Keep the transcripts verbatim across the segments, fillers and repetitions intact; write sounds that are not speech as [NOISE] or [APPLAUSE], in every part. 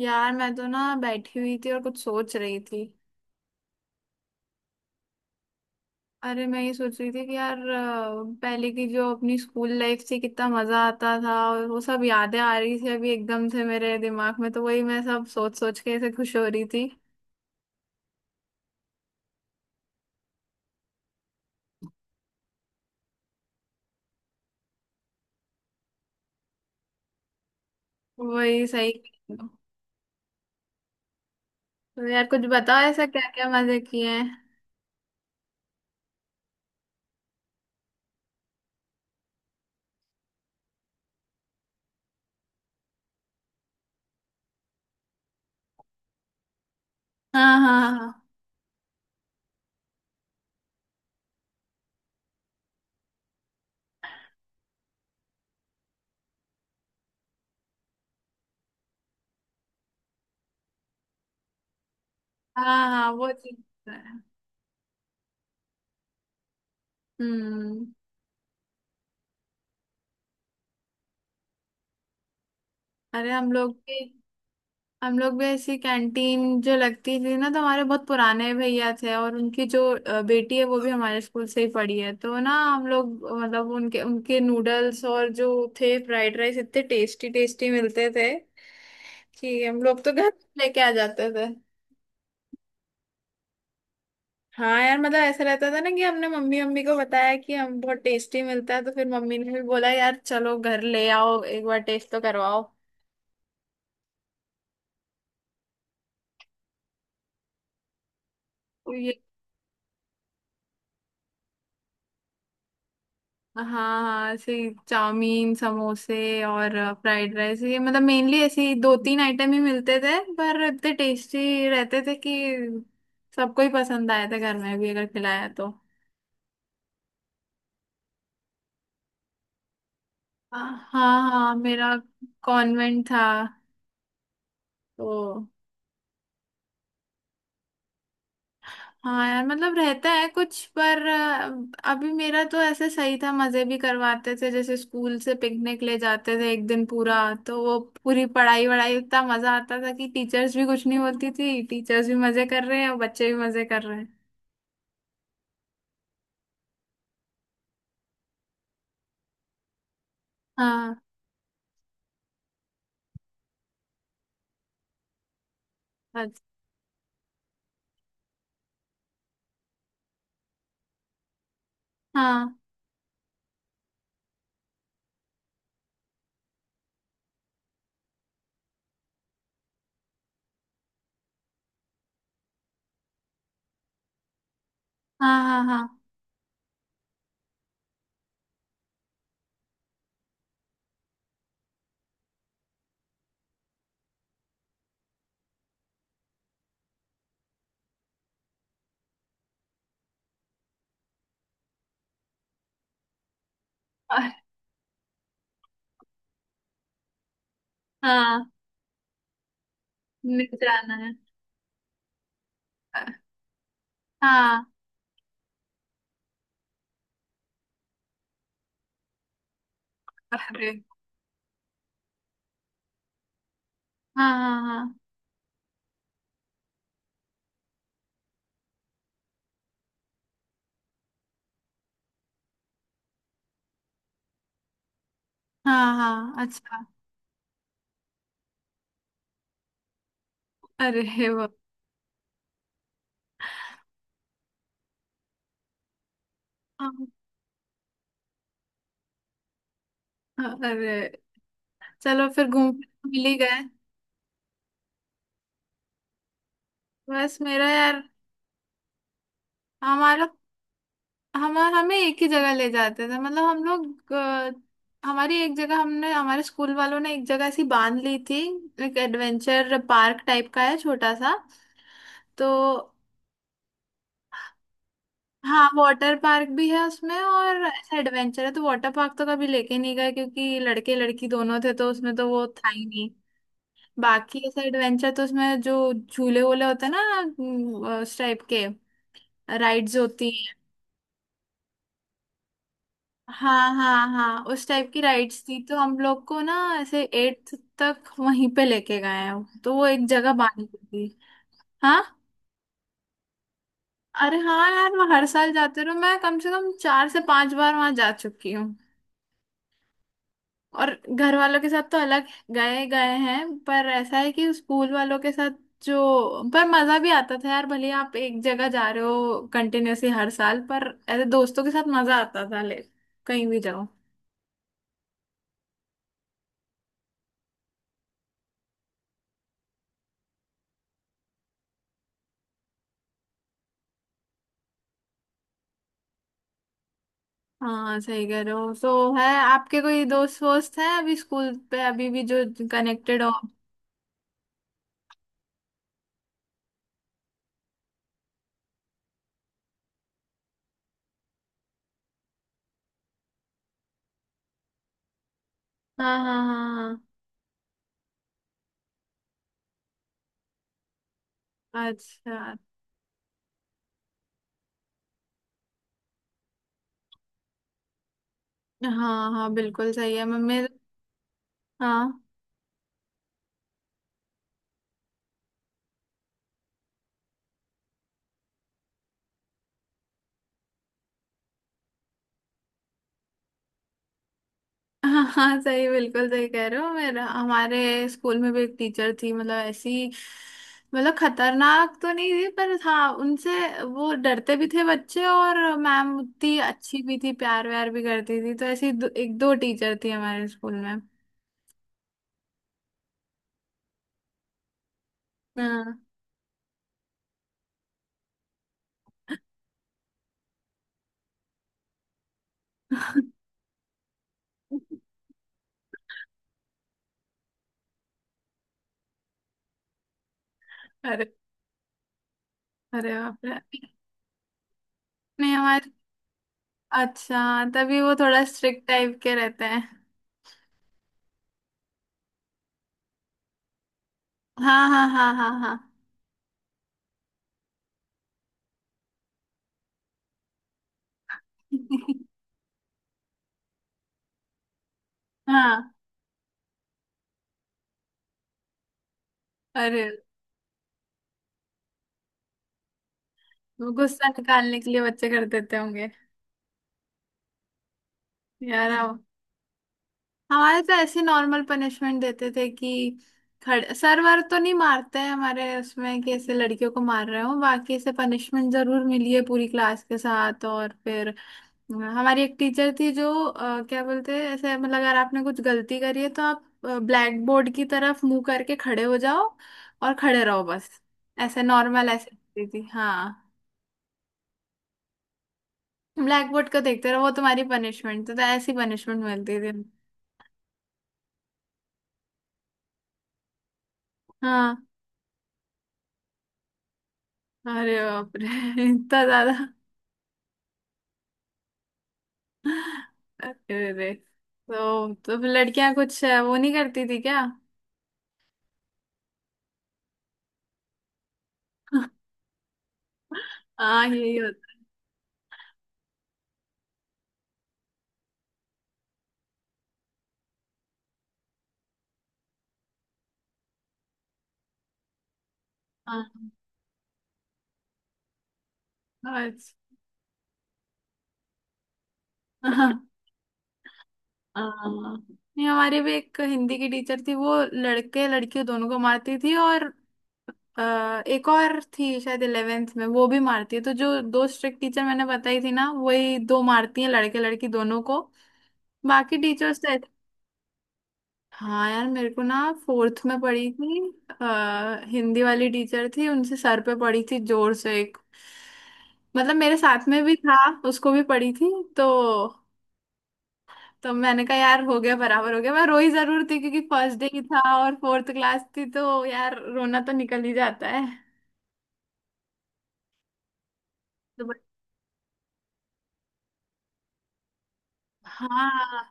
यार मैं तो ना बैठी हुई थी और कुछ सोच रही थी। अरे मैं ये सोच रही थी कि यार अ, पहले की जो अपनी स्कूल लाइफ थी कितना मजा आता था, और वो सब यादें आ रही थी अभी एकदम से मेरे दिमाग में, तो वही मैं सब सोच सोच के ऐसे खुश हो रही थी। वही सही। तो यार कुछ बताओ ऐसा क्या क्या मजे किए हैं। हाँ, हाँ, हाँ, हाँ, हाँ, वो चीज तो है। हम्म। अरे हम लोग भी। हम लोग भी ऐसी कैंटीन जो लगती थी ना, तो हमारे बहुत पुराने भैया थे और उनकी जो अ, बेटी है वो भी हमारे स्कूल से ही पढ़ी है, तो ना हम लोग अ, मतलब उनके उनके नूडल्स और जो थे फ्राइड राइस इतने टेस्टी टेस्टी मिलते थे कि हम लोग तो घर [LAUGHS] लेके आ जाते थे। हाँ यार, मतलब ऐसा रहता था ना कि हमने मम्मी मम्मी को बताया कि हम बहुत टेस्टी मिलता है, तो फिर मम्मी ने भी बोला यार चलो घर ले आओ एक बार टेस्ट तो करवाओ। हाँ, हाँ, ऐसे चाउमीन, समोसे और फ्राइड राइस, ये मतलब मेनली ऐसी दो तीन आइटम ही मिलते थे पर इतने टेस्टी रहते थे कि सबको ही पसंद आए थे घर में भी अगर खिलाया तो। हाँ, हाँ, मेरा कॉन्वेंट था तो। हाँ यार, मतलब रहता है कुछ पर अ, अभी मेरा तो ऐसे सही था, मजे भी करवाते थे, जैसे स्कूल से पिकनिक ले जाते थे एक दिन पूरा। तो वो पूरी पढ़ाई वढ़ाई, इतना मजा आता था कि टीचर्स भी कुछ नहीं बोलती थी। टीचर्स भी मजे कर रहे हैं और बच्चे भी मजे कर रहे हैं। हाँ। अच्छा। हाँ, हाँ, हाँ, हाँ। अरे, हाँ मिल जाना है। अ- हाँ। अरे, हाँ, हाँ, हाँ, हाँ, हाँ, अच्छा। अरे वाह। हाँ, हाँ, अरे चलो फिर घूम मिल ही गए। बस मेरा यार, हमारा, हम हमें एक ही जगह ले जाते थे, मतलब हम लोग, अ, हमारी एक जगह, हमने हमारे स्कूल वालों ने एक जगह ऐसी बांध ली थी। एक एडवेंचर पार्क टाइप का है छोटा सा, तो। हाँ वाटर पार्क भी है उसमें और ऐसा एडवेंचर है, तो वाटर पार्क तो कभी लेके नहीं गए क्योंकि लड़के लड़की दोनों थे तो उसमें तो वो था ही नहीं। बाकी ऐसा एडवेंचर तो उसमें जो झूले वूले होते हैं ना अम, उस टाइप के राइड्स होती। हाँ, हाँ, हाँ, उस टाइप की राइड्स थी तो हम लोग को ना ऐसे एट्थ तक वहीं पे लेके गए हैं, तो वो एक जगह बानी थी। हाँ। अरे हाँ यार, मैं हर साल जाती रहा, मैं कम से कम चार से पांच बार वहां जा चुकी हूँ। और घर वालों के साथ तो अलग गए गए हैं, पर ऐसा है कि स्कूल वालों के साथ जो, पर मजा भी आता था यार, भले आप एक जगह जा रहे हो कंटिन्यूअसली हर साल, पर ऐसे दोस्तों के साथ मजा आता था ले, कहीं भी जाओ। हाँ सही कह रहे हो। तो है आपके कोई दोस्त वोस्त हैं अभी स्कूल पे, अभी भी जो कनेक्टेड हो। हाँ, हाँ, हाँ, हाँ, अच्छा, हाँ, हाँ, बिल्कुल सही है मम्मी। हाँ, हाँ, [LAUGHS] हाँ सही, बिल्कुल सही कह रहे हो। मेरा, हमारे स्कूल में भी एक टीचर थी, मतलब ऐसी, मतलब खतरनाक तो नहीं थी, पर हाँ उनसे वो डरते भी थे बच्चे, और मैम उतनी अच्छी भी थी, प्यार व्यार भी करती थी, तो ऐसी दो, एक दो टीचर थी हमारे स्कूल में। हाँ। [LAUGHS] अरे, अरे बाप रे। नहीं हमारे, अच्छा तभी वो थोड़ा स्ट्रिक्ट टाइप के रहते हैं। हाँ, हाँ, हाँ, हाँ, हाँ, [LAUGHS] हाँ। अरे, वो गुस्सा निकालने के लिए बच्चे कर देते होंगे। यार अब हमारे तो ऐसे नॉर्मल पनिशमेंट देते थे कि खड़े, सर वर तो नहीं मारते हैं हमारे उसमें कि ऐसे लड़कियों को मार रहे हो, बाकी ऐसे पनिशमेंट जरूर मिली है पूरी क्लास के साथ। और फिर, हाँ, हमारी एक टीचर थी जो अ, क्या बोलते हैं ऐसे, मतलब अगर आपने कुछ गलती करी है तो आप ब्लैक बोर्ड की तरफ मुंह करके खड़े हो जाओ और खड़े रहो बस। ऐसे नॉर्मल ऐसे करती थी, हाँ। ब्लैक बोर्ड को देखते रहो, वो तुम्हारी पनिशमेंट थी। तो ऐसी पनिशमेंट मिलती थी। हाँ। अरे बाप रे। [LAUGHS] इतना ज्यादा? अरे रे, तो, तो फिर लड़कियां कुछ अ, वो नहीं करती थी क्या? [LAUGHS] हाँ यही होता। हाँ। अच्छा। हाँ, नहीं हमारे भी एक हिंदी की टीचर थी, वो लड़के लड़कियों दोनों को मारती थी। और अ, एक और थी शायद इलेवेंथ में, वो भी मारती है। तो जो दो स्ट्रिक्ट टीचर मैंने बताई थी ना, वही दो मारती हैं लड़के लड़की दोनों को। बाकी टीचर्स तो ऐसे- हाँ यार, मेरे को ना फोर्थ में पड़ी थी। आ, हिंदी वाली टीचर थी, उनसे सर पे पड़ी थी जोर से एक। मतलब मेरे साथ में भी था, उसको भी पड़ी थी। तो तो मैंने कहा यार हो गया बराबर हो गया। मैं रोई जरूर थी क्योंकि फर्स्ट डे ही था और फोर्थ क्लास थी, तो यार रोना तो निकल ही जाता है। तो बस- हाँ,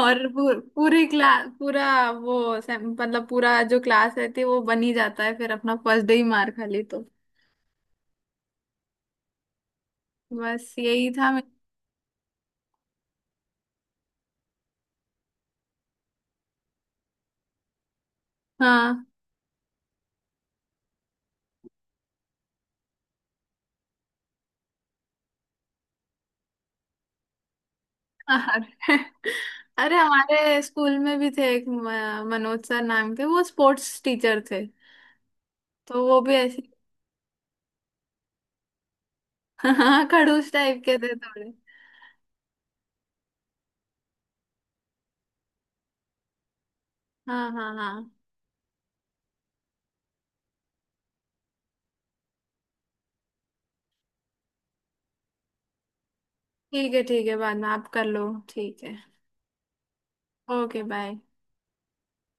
और पू- पूरी क्लास, पूरा वो से- मतलब पूरा जो क्लास रहती है वो बन ही जाता है, फिर अपना फर्स्ट डे ही मार खा ली तो। बस यही था मैं। हाँ। अरे [LAUGHS] अरे, हमारे स्कूल में भी थे एक म- मनोज सर नाम के, वो स्पोर्ट्स टीचर थे। तो वो भी ऐसे, [LAUGHS] हाँ खड़ूस टाइप के थे थोड़े। हाँ, हाँ, हाँ, ठीक है, ठीक है बाद में आप कर लो। ठीक है। Okay bye.